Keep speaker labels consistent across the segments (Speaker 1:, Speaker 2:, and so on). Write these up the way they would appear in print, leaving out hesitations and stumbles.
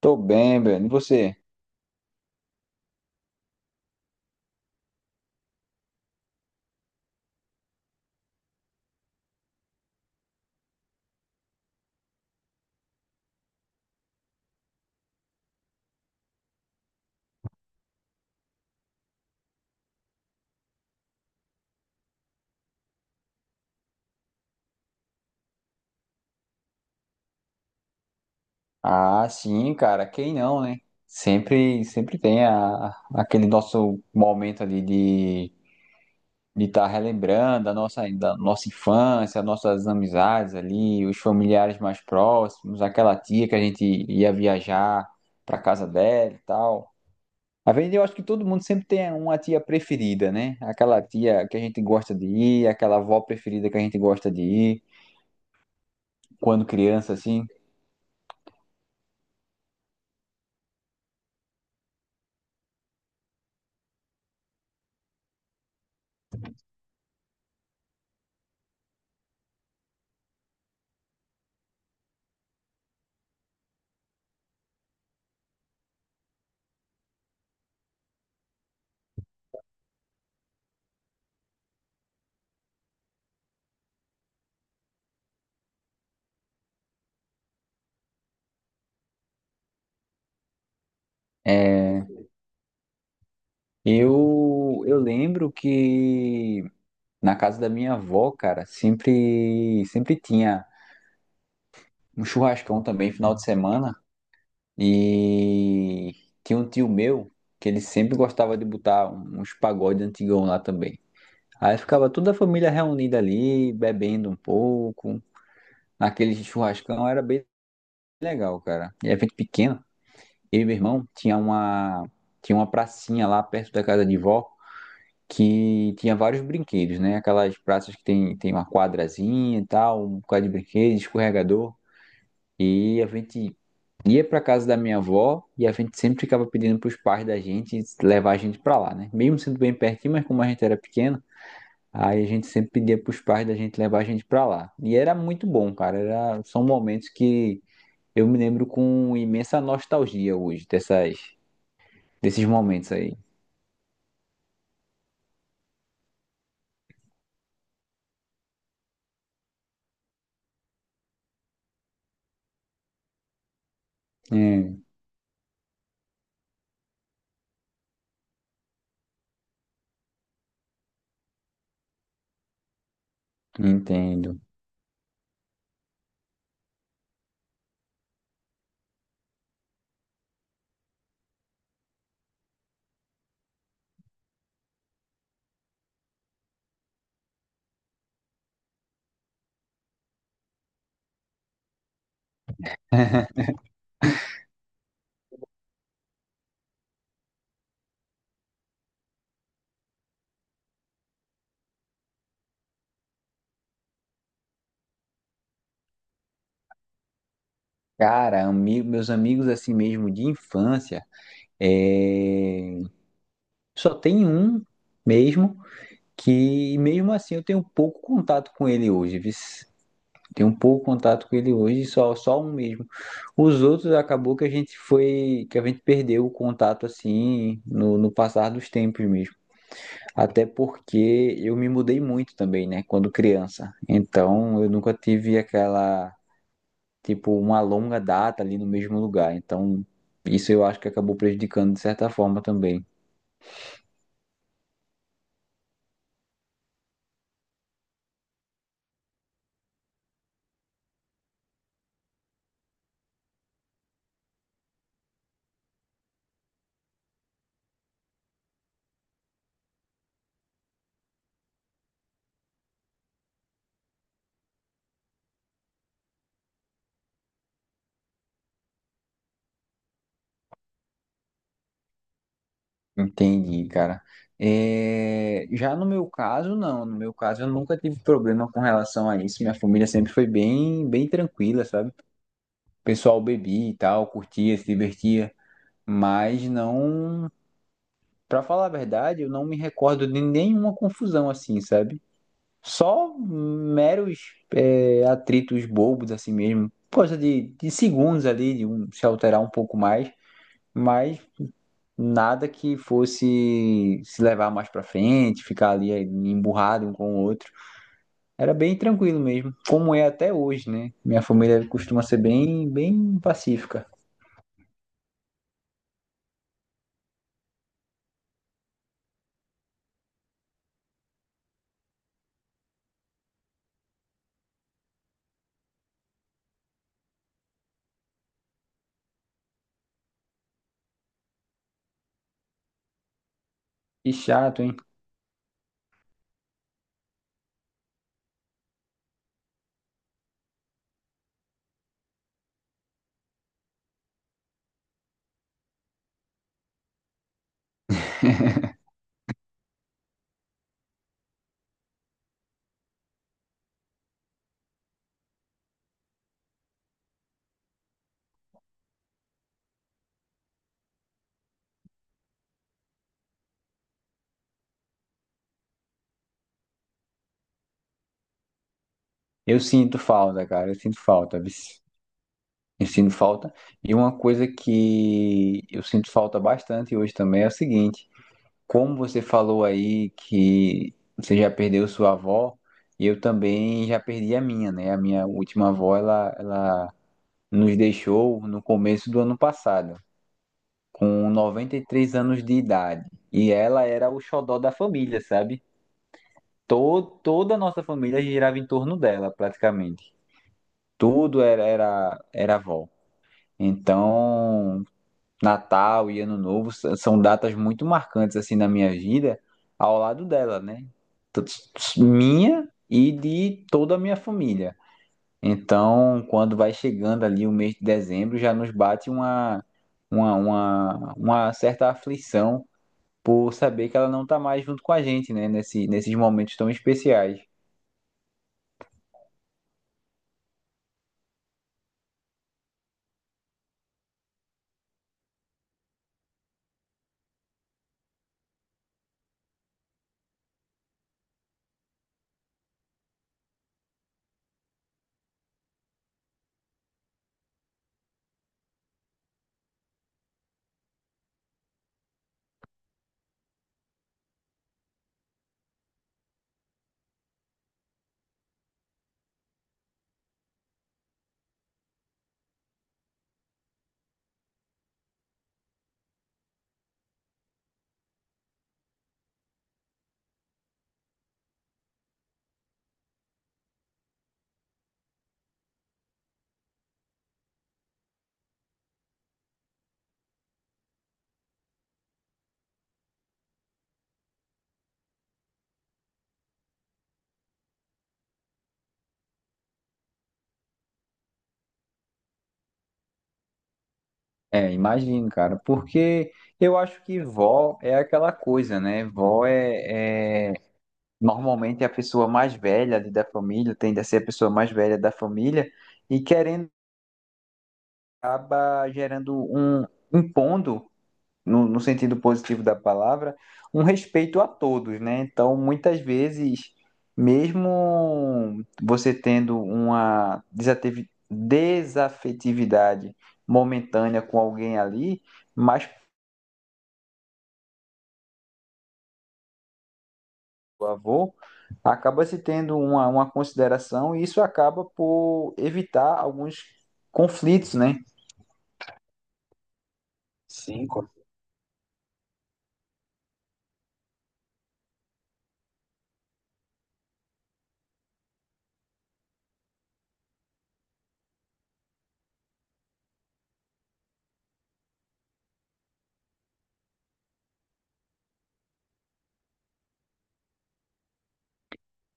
Speaker 1: Tô bem, Breno. E você? Ah, sim, cara. Quem não, né? Sempre tem aquele nosso momento ali de estar relembrando da nossa infância, nossas amizades ali, os familiares mais próximos, aquela tia que a gente ia viajar pra casa dela e tal. Às vezes eu acho que todo mundo sempre tem uma tia preferida, né? Aquela tia que a gente gosta de ir, aquela avó preferida que a gente gosta de ir quando criança, assim. É, eu lembro que na casa da minha avó, cara, sempre tinha um churrascão também, final de semana. E tinha um tio meu que ele sempre gostava de botar uns pagodes antigão lá também. Aí ficava toda a família reunida ali, bebendo um pouco. Naquele churrascão era bem legal, cara. E a gente pequeno, eu e meu irmão, tinha uma pracinha lá perto da casa de vó, que tinha vários brinquedos, né? Aquelas praças que tem uma quadrazinha e tal, um bocado de brinquedo, escorregador. E a gente ia pra casa da minha avó e a gente sempre ficava pedindo pros pais da gente levar a gente pra lá, né? Mesmo sendo bem pertinho, mas como a gente era pequeno, aí a gente sempre pedia pros pais da gente levar a gente pra lá. E era muito bom, cara. Era, são momentos que eu me lembro com imensa nostalgia hoje desses momentos aí. É, entendo. Cara, meus amigos assim mesmo de infância, é, só tem um mesmo. Que mesmo assim eu tenho pouco contato com ele hoje, viu? Tenho pouco contato com ele hoje, só um mesmo. Os outros acabou que a gente foi, que a gente perdeu o contato assim no passar dos tempos mesmo. Até porque eu me mudei muito também, né, quando criança. Então eu nunca tive aquela, tipo, uma longa data ali no mesmo lugar. Então, isso eu acho que acabou prejudicando de certa forma também. Entendi, cara. É, já no meu caso, não. No meu caso, eu nunca tive problema com relação a isso. Minha família sempre foi bem, bem tranquila, sabe? O pessoal bebia e tal, curtia, se divertia, mas não. Pra falar a verdade, eu não me recordo de nenhuma confusão assim, sabe? Só meros, é, atritos bobos, assim mesmo. Coisa de segundos ali, de um se alterar um pouco mais, mas nada que fosse se levar mais pra frente, ficar ali, é, emburrado um com o outro. Era bem tranquilo mesmo, como é até hoje, né? Minha família costuma ser bem, bem pacífica. E chato, hein? Eu sinto falta, cara, eu sinto falta, vice. Eu sinto falta. E uma coisa que eu sinto falta bastante hoje também é o seguinte. Como você falou aí que você já perdeu sua avó, eu também já perdi a minha, né? A minha última avó, ela nos deixou no começo do ano passado, com 93 anos de idade. E ela era o xodó da família, sabe? Todo, toda a nossa família girava em torno dela, praticamente. Tudo era avó. Então, Natal e Ano Novo são datas muito marcantes assim na minha vida, ao lado dela, né? Minha e de toda a minha família. Então, quando vai chegando ali o mês de dezembro, já nos bate uma certa aflição por saber que ela não tá mais junto com a gente, né? Nesses momentos tão especiais. É, imagino, cara, porque eu acho que vó é aquela coisa, né? Vó é... Normalmente é a pessoa mais velha ali da família, tende a ser a pessoa mais velha da família, e querendo acaba gerando um, impondo, no sentido positivo da palavra, um respeito a todos, né? Então muitas vezes mesmo você tendo uma desafetividade momentânea com alguém ali, mas do avô, acaba se tendo uma consideração e isso acaba por evitar alguns conflitos, né? Sim.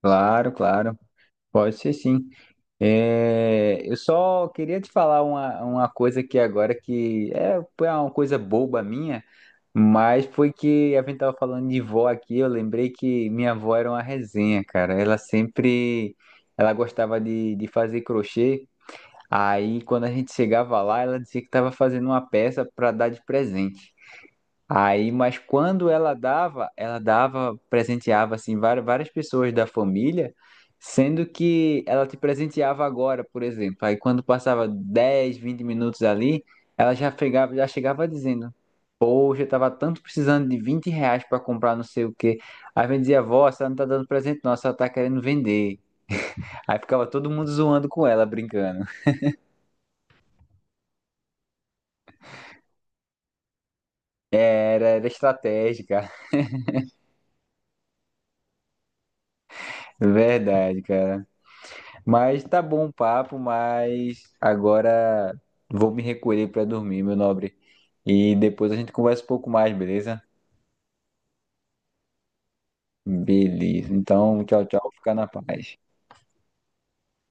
Speaker 1: Claro, claro. Pode ser sim. É, eu só queria te falar uma coisa aqui agora que é, foi uma coisa boba minha, mas foi que a gente tava falando de vó aqui, eu lembrei que minha avó era uma resenha, cara. Ela sempre, ela gostava de fazer crochê. Aí, quando a gente chegava lá, ela dizia que estava fazendo uma peça para dar de presente. Aí, mas quando ela dava, presenteava assim várias, várias pessoas da família, sendo que ela te presenteava agora, por exemplo. Aí, quando passava 10, 20 minutos ali, ela já chegava, dizendo: "Poxa, eu tava tanto precisando de 20 reais para comprar não sei o quê." Aí, a gente dizia: "Vó, você não tá dando presente, não, ela só tá querendo vender." Aí ficava todo mundo zoando com ela, brincando. Era estratégica, verdade, cara. Mas tá bom o papo, mas agora vou me recolher pra dormir, meu nobre. E depois a gente conversa um pouco mais, beleza? Beleza. Então, tchau, tchau. Fica na paz.